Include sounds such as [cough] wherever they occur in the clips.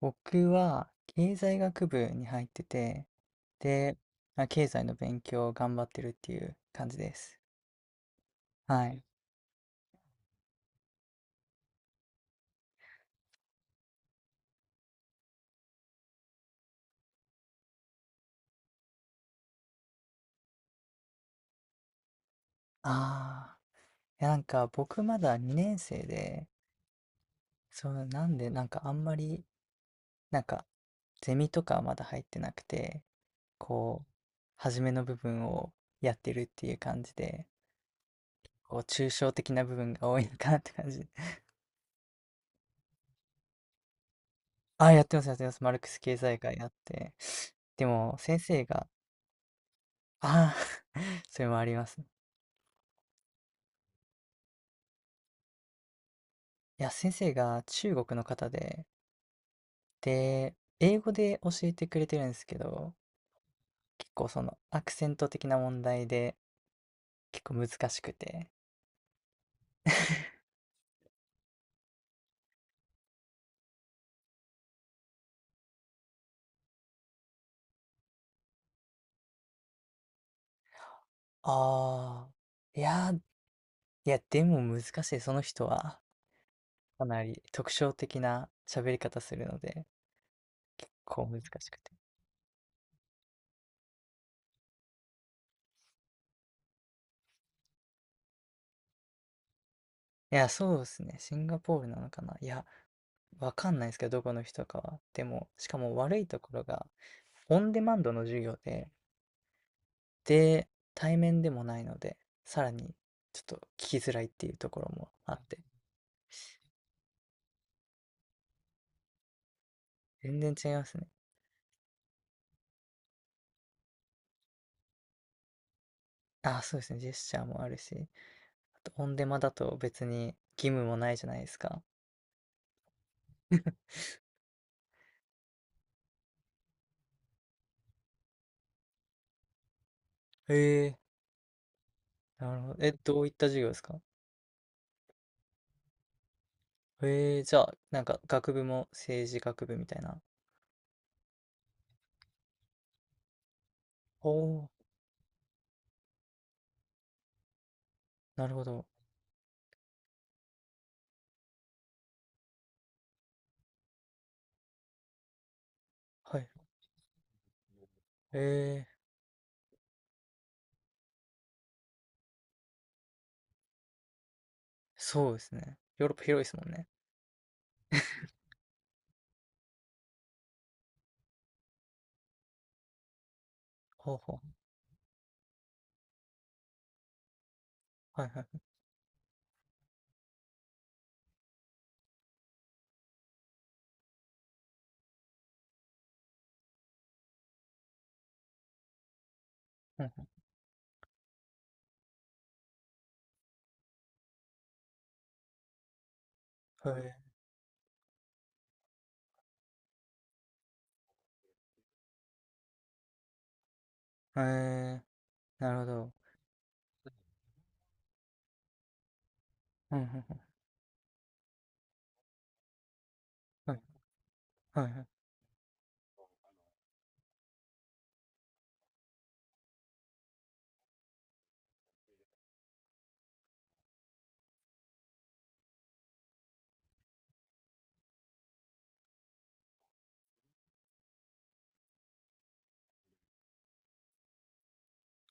僕は経済学部に入ってて、で、まあ、経済の勉強を頑張ってるっていう感じです。はい。ああ、いや僕まだ2年生で、そう、なんでなんかあんまり、なんかゼミとかはまだ入ってなくて、こう、初めの部分をやってるっていう感じで、抽象的な部分が多いのかなって感じ。[laughs] あ、やってます、やってます。マルクス経済学やって。でも、先生が、ああ [laughs] それもあります。いや、先生が中国の方で、で、英語で教えてくれてるんですけど、結構そのアクセント的な問題で結構難しくて。ああ、いやいや、でも難しい、その人は。かなり特徴的な喋り方するので、結構難しくて。いや、そうですね。シンガポールなのかな。いや、わかんないですけど、どこの人かは。でも、しかも悪いところが、オンデマンドの授業で、で、対面でもないので、さらにちょっと聞きづらいっていうところもあって、全然違いますね。あ、そうですね。ジェスチャーもあるし、あとオンデマだと別に義務もないじゃないですか。へえ、なるほど。え、どういった授業ですか？へえ、じゃあ、学部も政治学部みたいな。おお、なるほど。はい。ええ、そうですね。ヨーロッパ広いですもんね。ほうほう。はいはい。うんうん。へえ、へえ、なるほど。うんうんうん。はいはいはい。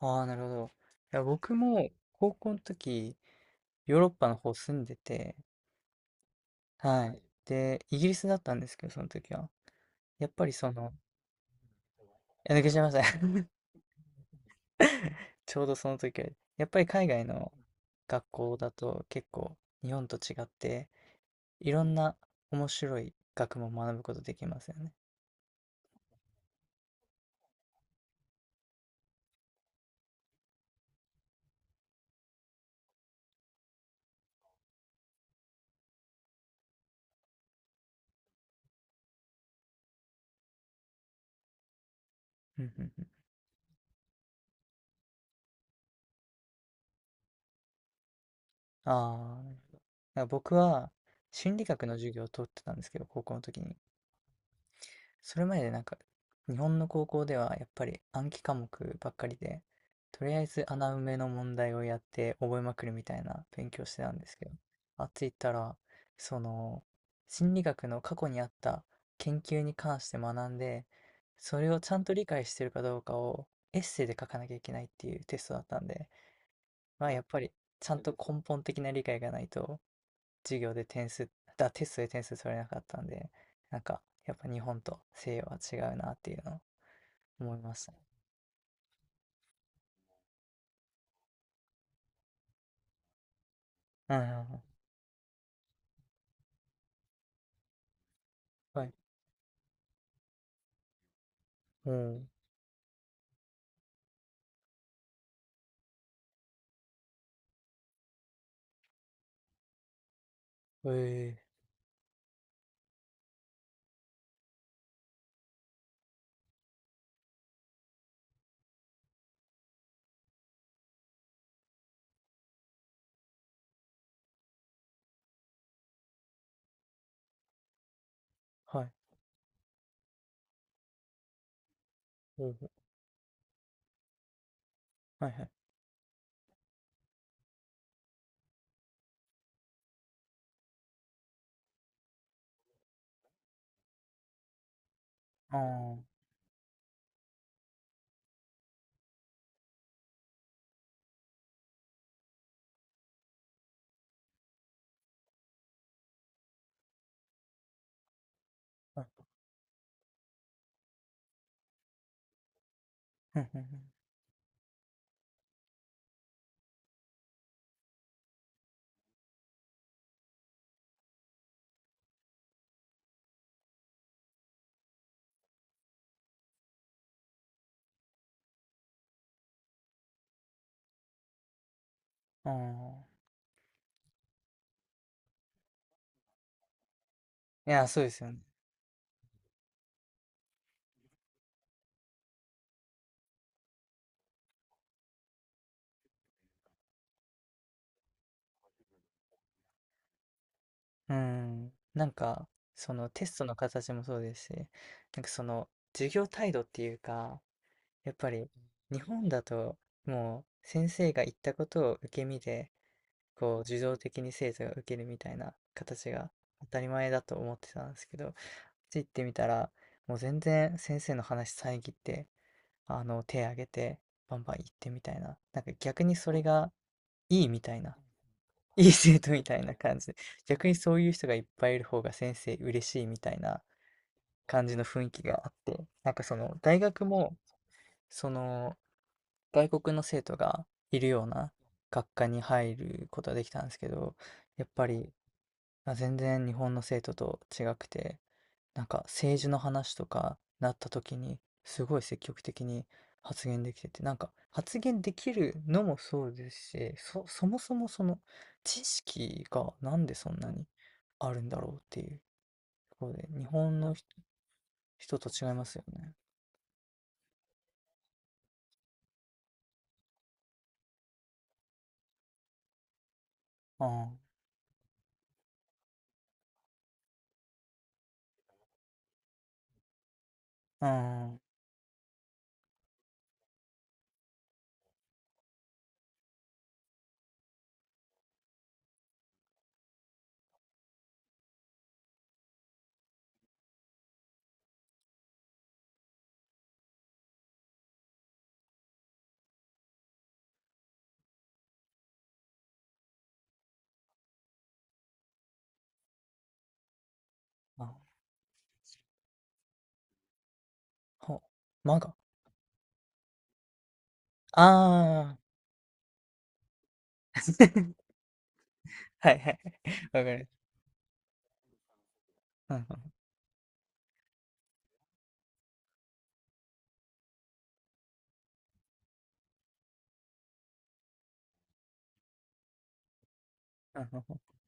ああ、なるほど。いや、僕も高校の時、ヨーロッパの方住んでて、はい。で、イギリスだったんですけど、その時は。やっぱりその、いや、抜けちゃいました。[laughs] ちょうどその時は、やっぱり海外の学校だと結構日本と違って、いろんな面白い学問を学ぶことできますよね。うんうんうん。ああ、なるほど。だから僕は心理学の授業を取ってたんですけど、高校の時に。それまで日本の高校ではやっぱり暗記科目ばっかりで、とりあえず穴埋めの問題をやって覚えまくるみたいな勉強してたんですけど、あっち行ったらその心理学の過去にあった研究に関して学んで、それをちゃんと理解してるかどうかをエッセイで書かなきゃいけないっていうテストだったんで、まあやっぱりちゃんと根本的な理解がないと授業で点数、だ、テストで点数取れなかったんで、なんか、やっぱ日本と西洋は違うなっていうのを思いましたね。うんうんうん。はい。おお、ええ、はい。おお、はいはい。ああ、はい。うんうんうん。ああ。いや、そうですよね。うん。なんか、そのテストの形もそうですし、なんかその授業態度っていうか、やっぱり日本だと、もう先生が言ったことを受け身で、こう自動的に精査が受けるみたいな形が当たり前だと思ってたんですけど、行ってみたら、もう全然先生の話遮って、あの、手挙げて、バンバン行ってみたいな。なんか逆にそれがいいみたいな。[laughs] いい生徒みたいな感じで。逆にそういう人がいっぱいいる方が先生嬉しいみたいな感じの雰囲気があって、その大学も、その外国の生徒がいるような学科に入ることができたんですけど、やっぱり、あ、全然日本の生徒と違くて、政治の話とかなった時に、すごい積極的に発言できてて、なんか発言できるのもそうですし、そもそもその知識がなんでそんなにあるんだろうっていうところで、日本の人と違いますよね。うん、うん、あ、ほ、まが。ああ。[laughs] はいはい。わかります。うんうんうんうん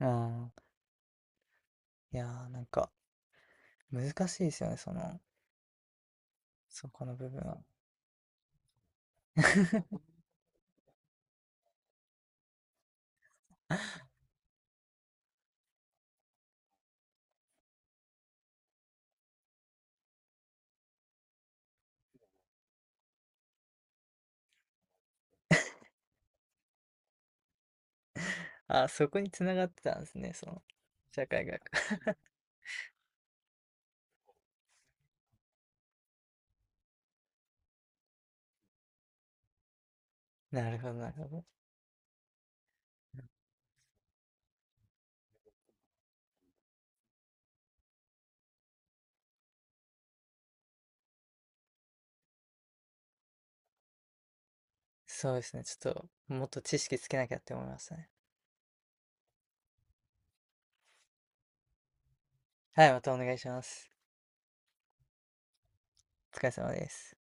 うん。ああ。いやー、なんか、難しいですよね、その、そこの部分は。[laughs] あ、そこにつながってたんですね、その、社会学。[laughs] なるほど、なるほど。そうですね、ちょっと、もっと知識つけなきゃって思いましたね。はい、またお願いします。お疲れ様です。